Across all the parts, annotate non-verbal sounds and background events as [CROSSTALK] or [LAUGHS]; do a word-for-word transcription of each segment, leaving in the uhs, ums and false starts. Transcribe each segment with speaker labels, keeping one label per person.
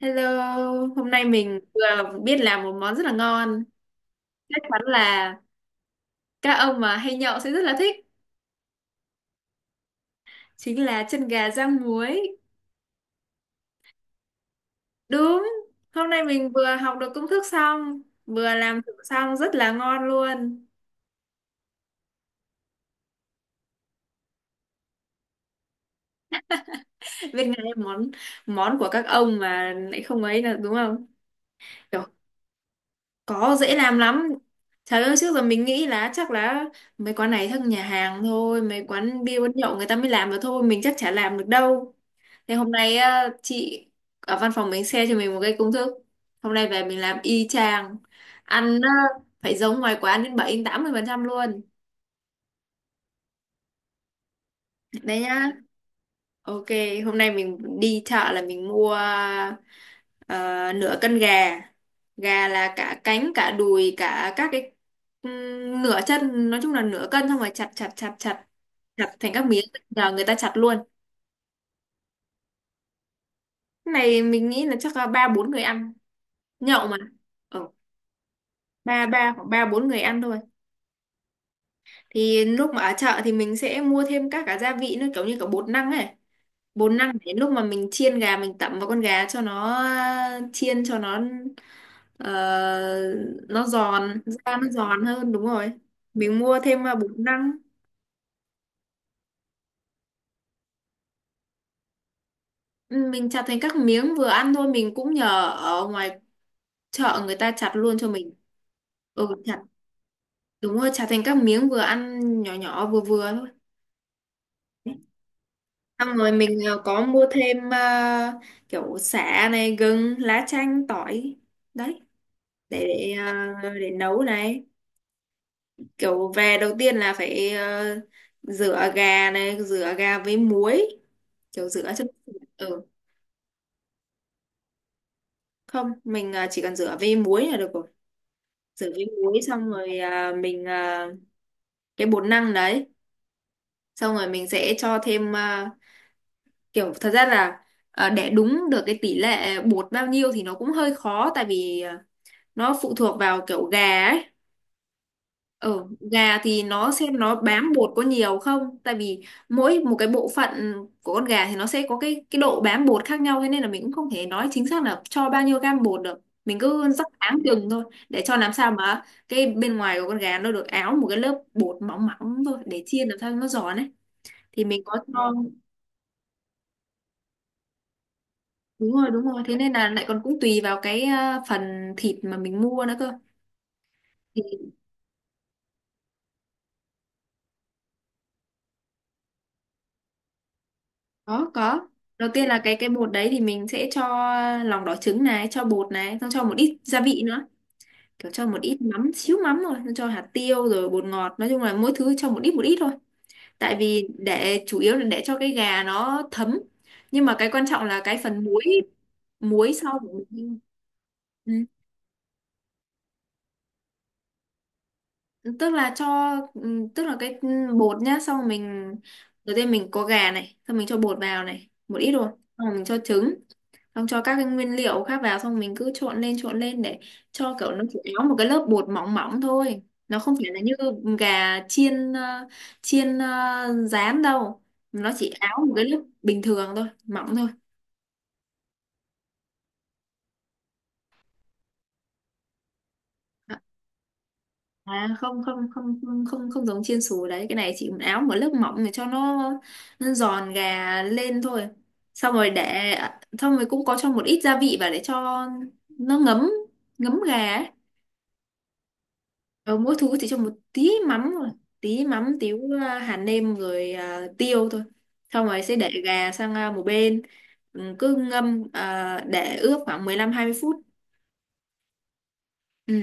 Speaker 1: Hello, hôm nay mình vừa biết làm một món rất là ngon. Chắc chắn là các ông mà hay nhậu sẽ rất là thích. Chính là chân gà rang muối. Đúng, hôm nay mình vừa học được công thức xong, vừa làm thử xong rất là ngon luôn. Biết ngay món món của các ông mà lại không ấy là đúng không? Kiểu có dễ làm lắm. Trời ơi, trước giờ mình nghĩ là chắc là mấy quán này thân nhà hàng thôi, mấy quán bia quán nhậu người ta mới làm được thôi, mình chắc chả làm được đâu. Thế hôm nay á, chị ở văn phòng mình share cho mình một cái công thức. Hôm nay về mình làm y chang. Ăn á, phải giống ngoài quán đến bảy đến tám mươi phần trăm luôn. Đấy nhá. Ok, hôm nay mình đi chợ là mình mua ờ, nửa cân gà. Gà là cả cánh, cả đùi, cả các cái ừm, nửa chân, nói chung là nửa cân xong rồi chặt chặt chặt chặt chặt thành các miếng, nhờ người ta chặt luôn. Cái này mình nghĩ là chắc là ba bốn người ăn, nhậu mà. Ừ. ba ba hoặc ba bốn người ăn thôi. Thì lúc mà ở chợ thì mình sẽ mua thêm các cả gia vị nữa, kiểu như cả bột năng ấy, bột năng để lúc mà mình chiên gà mình tẩm vào con gà cho nó ờ, chiên cho nó ờ, nó giòn da, nó giòn hơn. Đúng rồi, mình mua thêm ờ, bột năng. Ừ, mình chặt thành các miếng vừa ăn thôi, mình cũng nhờ ở ngoài chợ người ta chặt luôn cho mình. Ừ chặt, đúng rồi, chặt thành các miếng vừa ăn nhỏ nhỏ vừa vừa thôi. Xong rồi mình ờ, có mua thêm ờ, kiểu sả này, gừng, lá chanh, tỏi đấy. để để, ờ, để nấu này, kiểu về đầu tiên là phải ờ, rửa gà này, rửa gà với muối, kiểu rửa cho ừ. Không, mình ờ, chỉ cần rửa với muối là được rồi. Rửa với muối xong rồi ờ, mình ờ, cái bột năng đấy, xong rồi mình sẽ cho thêm ờ, kiểu thật ra là ờ, để đúng được cái tỷ lệ bột bao nhiêu thì nó cũng hơi khó, tại vì ờ, nó phụ thuộc vào kiểu gà ấy. Ừ, gà thì nó xem nó bám bột có nhiều không, tại vì mỗi một cái bộ phận của con gà thì nó sẽ có cái cái độ bám bột khác nhau, thế nên là mình cũng không thể nói chính xác là cho bao nhiêu gam bột được, mình cứ rắc áng chừng thôi, để cho làm sao mà cái bên ngoài của con gà nó được áo một cái lớp bột mỏng mỏng thôi, để chiên làm sao cho nó giòn ấy, thì mình có cho. Đúng rồi đúng rồi, thế nên là lại còn cũng tùy vào cái ờ, phần thịt mà mình mua nữa cơ. có có đầu tiên là cái cái bột đấy thì mình sẽ cho lòng đỏ trứng này, cho bột này, xong cho một ít gia vị nữa, kiểu cho một ít mắm, xíu mắm thôi, xong cho hạt tiêu rồi bột ngọt, nói chung là mỗi thứ cho một ít một ít thôi, tại vì để chủ yếu là để cho cái gà nó thấm, nhưng mà cái quan trọng là cái phần muối, muối sau của mình. Ừ. Tức là cho ừ, tức là cái bột nhá, xong rồi mình đầu tiên mình có gà này, xong mình cho bột vào này một ít rồi, xong rồi mình cho trứng, xong cho các cái nguyên liệu khác vào, xong mình cứ trộn lên trộn lên để cho kiểu nó chỉ có một cái lớp bột mỏng mỏng thôi, nó không phải là như gà chiên ờ, chiên ờ, rán đâu, nó chỉ áo một cái lớp bình thường thôi, mỏng thôi. À không không không không không, không giống chiên xù đấy, cái này chỉ áo một lớp mỏng để cho nó, nó giòn gà lên thôi. Xong rồi để, xong rồi cũng có cho một ít gia vị vào để cho nó ngấm, ngấm gà ấy. Ờ, mỗi thứ chỉ cho một tí mắm thôi, tí mắm tí à, hạt nêm rồi à, tiêu thôi, xong rồi sẽ để gà sang à, một bên. Ừ, cứ ngâm à, để ướp khoảng mười lăm hai mươi phút. Ừ.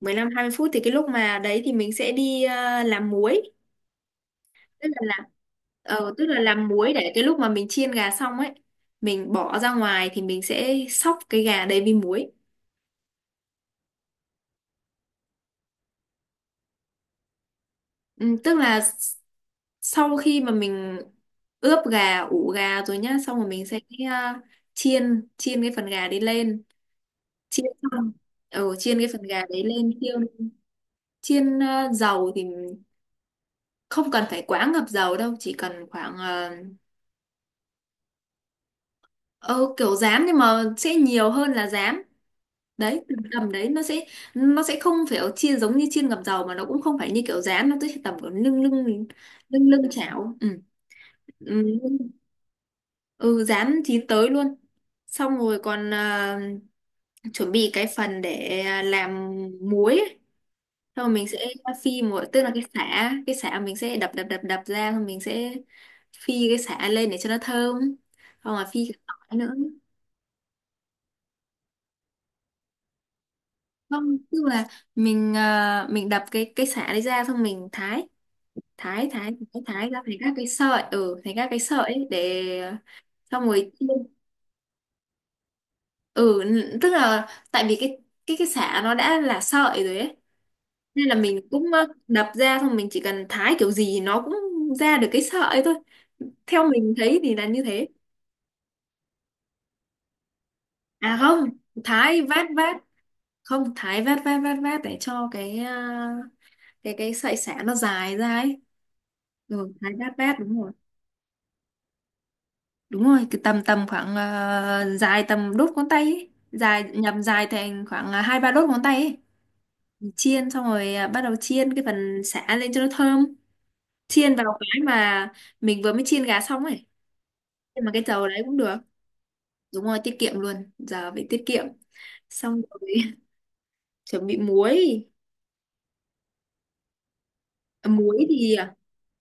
Speaker 1: Mười lăm hai mươi phút thì cái lúc mà đấy thì mình sẽ đi à, làm muối, tức là làm ờ, tức là làm muối để cái lúc mà mình chiên gà xong ấy, mình bỏ ra ngoài thì mình sẽ xóc cái gà đấy với muối. Ừ, tức là s- sau khi mà mình ướp gà, ủ gà rồi nhá, xong rồi mình sẽ à, chiên, chiên cái phần gà đấy lên, chiên xong, ừ, chiên cái phần gà đấy lên chiên, chiên à, dầu thì không cần phải quá ngập dầu đâu, chỉ cần khoảng à, ờ, ừ, kiểu rán nhưng mà sẽ nhiều hơn là rán. Đấy, tầm tầm đấy nó sẽ nó sẽ không phải chiên giống như chiên ngập dầu, mà nó cũng không phải như kiểu rán, nó sẽ tầm kiểu lưng lưng lưng lưng chảo. Ừ. Ừ. Ừ dán chín tới luôn, xong rồi còn à, chuẩn bị cái phần để à, làm muối ấy. Xong rồi mình sẽ phi một, tức là cái sả, cái sả mình sẽ đập đập đập đập ra, xong mình sẽ phi cái sả lên để cho nó thơm, xong rồi phi cái tỏi nữa. Không, tức là mình à, mình đập cái cái sả đấy ra, xong mình thái thái thái thái, thái ra thành các cái sợi, ừ, thành các cái sợi ấy để à, xong rồi chiên. ừ n- tức là tại vì cái cái cái xả nó đã là sợi rồi ấy, nên là mình cũng ờ, đập ra xong mình chỉ cần thái kiểu gì nó cũng ra được cái sợi thôi, theo mình thấy thì là như thế. À không, thái vát vát, không thái vát vát vát vát để cho cái ờ, cái cái sợi xả nó dài ra ấy. Ừ, thái vát vát đúng rồi, đúng rồi cái tầm tầm khoảng ờ, dài tầm đốt ngón tay ấy. Dài nhầm dài thành khoảng ờ, hai ba đốt ngón tay ấy. Chiên xong rồi à, bắt đầu chiên cái phần sả lên cho nó thơm, chiên vào cái mà mình vừa mới chiên gà xong ấy, nhưng mà cái dầu đấy cũng được. Đúng rồi, tiết kiệm luôn, giờ phải tiết kiệm. Xong rồi [LAUGHS] chuẩn bị muối. À, muối thì à,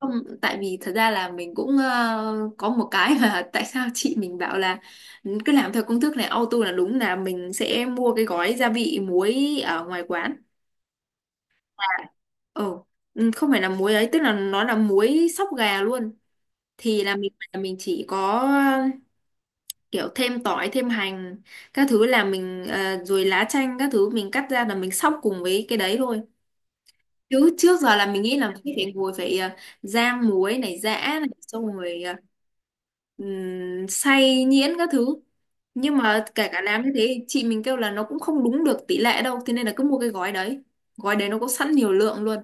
Speaker 1: không, tại vì thật ra là mình cũng ờ, có một cái mà [LAUGHS] tại sao chị mình bảo là "Ừ, cứ làm theo công thức này auto là đúng là mình sẽ mua cái gói gia vị muối ở ngoài quán". À ừ, ừ, không phải là muối ấy, tức là nó là muối sóc gà luôn, thì là mình là mình chỉ có ờ, kiểu thêm tỏi, thêm hành các thứ là mình ờ, rồi lá chanh các thứ mình cắt ra là mình xóc cùng với cái đấy thôi, chứ trước giờ là mình nghĩ là mình phải ngồi phải ờ, rang muối này, giã này, xong rồi ờ, ừm, xay nhuyễn các thứ, nhưng mà kể cả làm như thế chị mình kêu là nó cũng không đúng được tỷ lệ đâu, thế nên là cứ mua cái gói đấy, gói đấy nó có sẵn nhiều lượng luôn.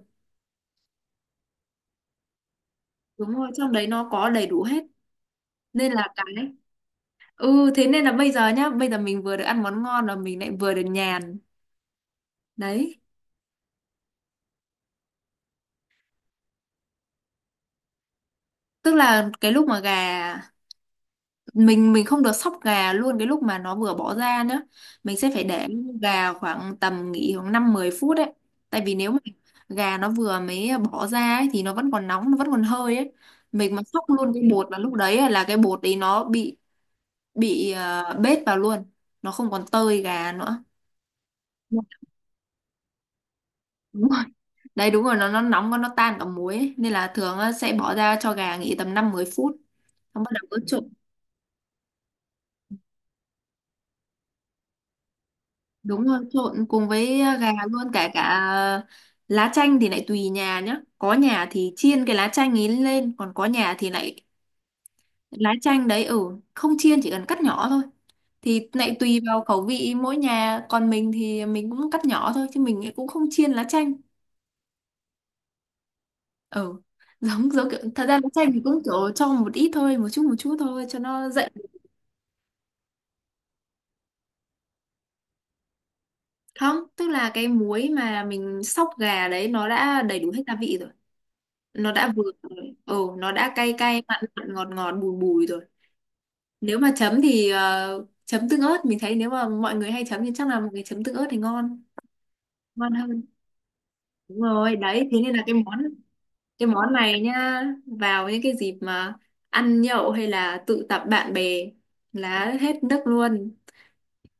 Speaker 1: Đúng rồi, trong đấy nó có đầy đủ hết, nên là cái. Ừ, thế nên là bây giờ nhá, bây giờ mình vừa được ăn món ngon, và mình lại vừa được nhàn. Đấy. Tức là cái lúc mà gà, Mình mình không được sóc gà luôn cái lúc mà nó vừa bỏ ra nữa, mình sẽ phải để gà khoảng tầm nghỉ khoảng năm mười phút đấy. Tại vì nếu mà gà nó vừa mới bỏ ra ấy, thì nó vẫn còn nóng, nó vẫn còn hơi ấy, mình mà sóc luôn cái bột là lúc đấy ấy, là cái bột đấy nó bị bị ờ, bết vào luôn, nó không còn tơi gà nữa. Đúng. Đấy đúng rồi, nó nó nóng quá, nó tan cả muối ấy. Nên là thường á, sẽ bỏ ra cho gà nghỉ tầm năm mười phút. Xong bắt đầu cứ trộn. Đúng rồi, trộn cùng với gà luôn, cả cả ờ, lá chanh thì lại tùy nhà nhá. Có nhà thì chiên cái lá chanh ấy lên, còn có nhà thì lại lá chanh đấy, ừ, không chiên, chỉ cần cắt nhỏ thôi. Thì lại tùy vào khẩu vị mỗi nhà, còn mình thì mình cũng cắt nhỏ thôi chứ mình cũng không chiên lá chanh. Ừ. [LAUGHS] Giống giống kiểu, thật ra lá chanh thì cũng kiểu cho một ít thôi, một chút một chút thôi cho nó dậy. Không, tức là cái muối mà mình xóc gà đấy nó đã đầy đủ hết gia vị rồi. Nó đã vừa rồi. Ừ, nó đã cay cay, mặn mặn, ngọt ngọt, bùi bùi rồi. Nếu mà chấm thì ờ, chấm tương ớt. Mình thấy nếu mà mọi người hay chấm thì chắc là mọi người chấm tương ớt thì ngon. Ngon hơn. Đúng rồi, đấy. Thế nên là cái món cái món này nhá. Vào những cái dịp mà ăn nhậu hay là tụ tập bạn bè là hết nước luôn.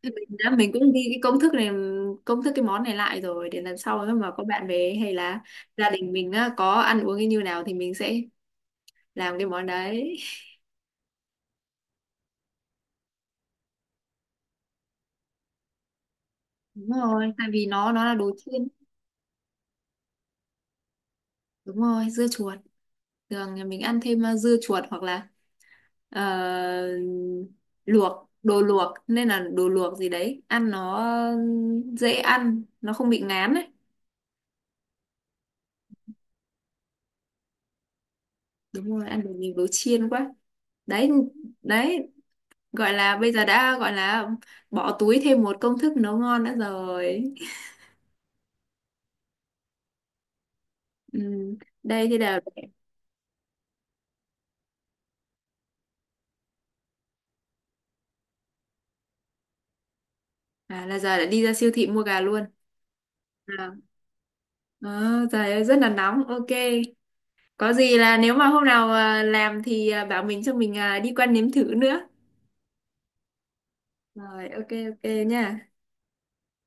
Speaker 1: Thế mình đã mình cũng ghi cái công thức này, công thức cái món này lại rồi để lần sau nếu mà có bạn về hay là gia đình mình á, có ăn uống như nào thì mình sẽ làm cái món đấy. Đúng rồi, tại vì nó nó là đồ chiên. Đúng rồi, dưa chuột, thường nhà mình ăn thêm uh, dưa chuột hoặc là ờ, luộc, đồ luộc, nên là đồ luộc gì đấy ăn nó dễ ăn, nó không bị ngán ấy. Đúng rồi, ăn được nhiều đồ chiên quá. Đấy. Đấy, gọi là bây giờ đã gọi là bỏ túi thêm một công thức nấu ngon nữa rồi. Ừ. Đây thì là à, là giờ đã đi ra siêu thị mua gà luôn à. Ờ, trời ơi rất là nóng, ok. Có gì là nếu mà hôm nào à, làm thì à, bảo mình, cho mình à, đi qua nếm thử nữa. Rồi, ok ok nha.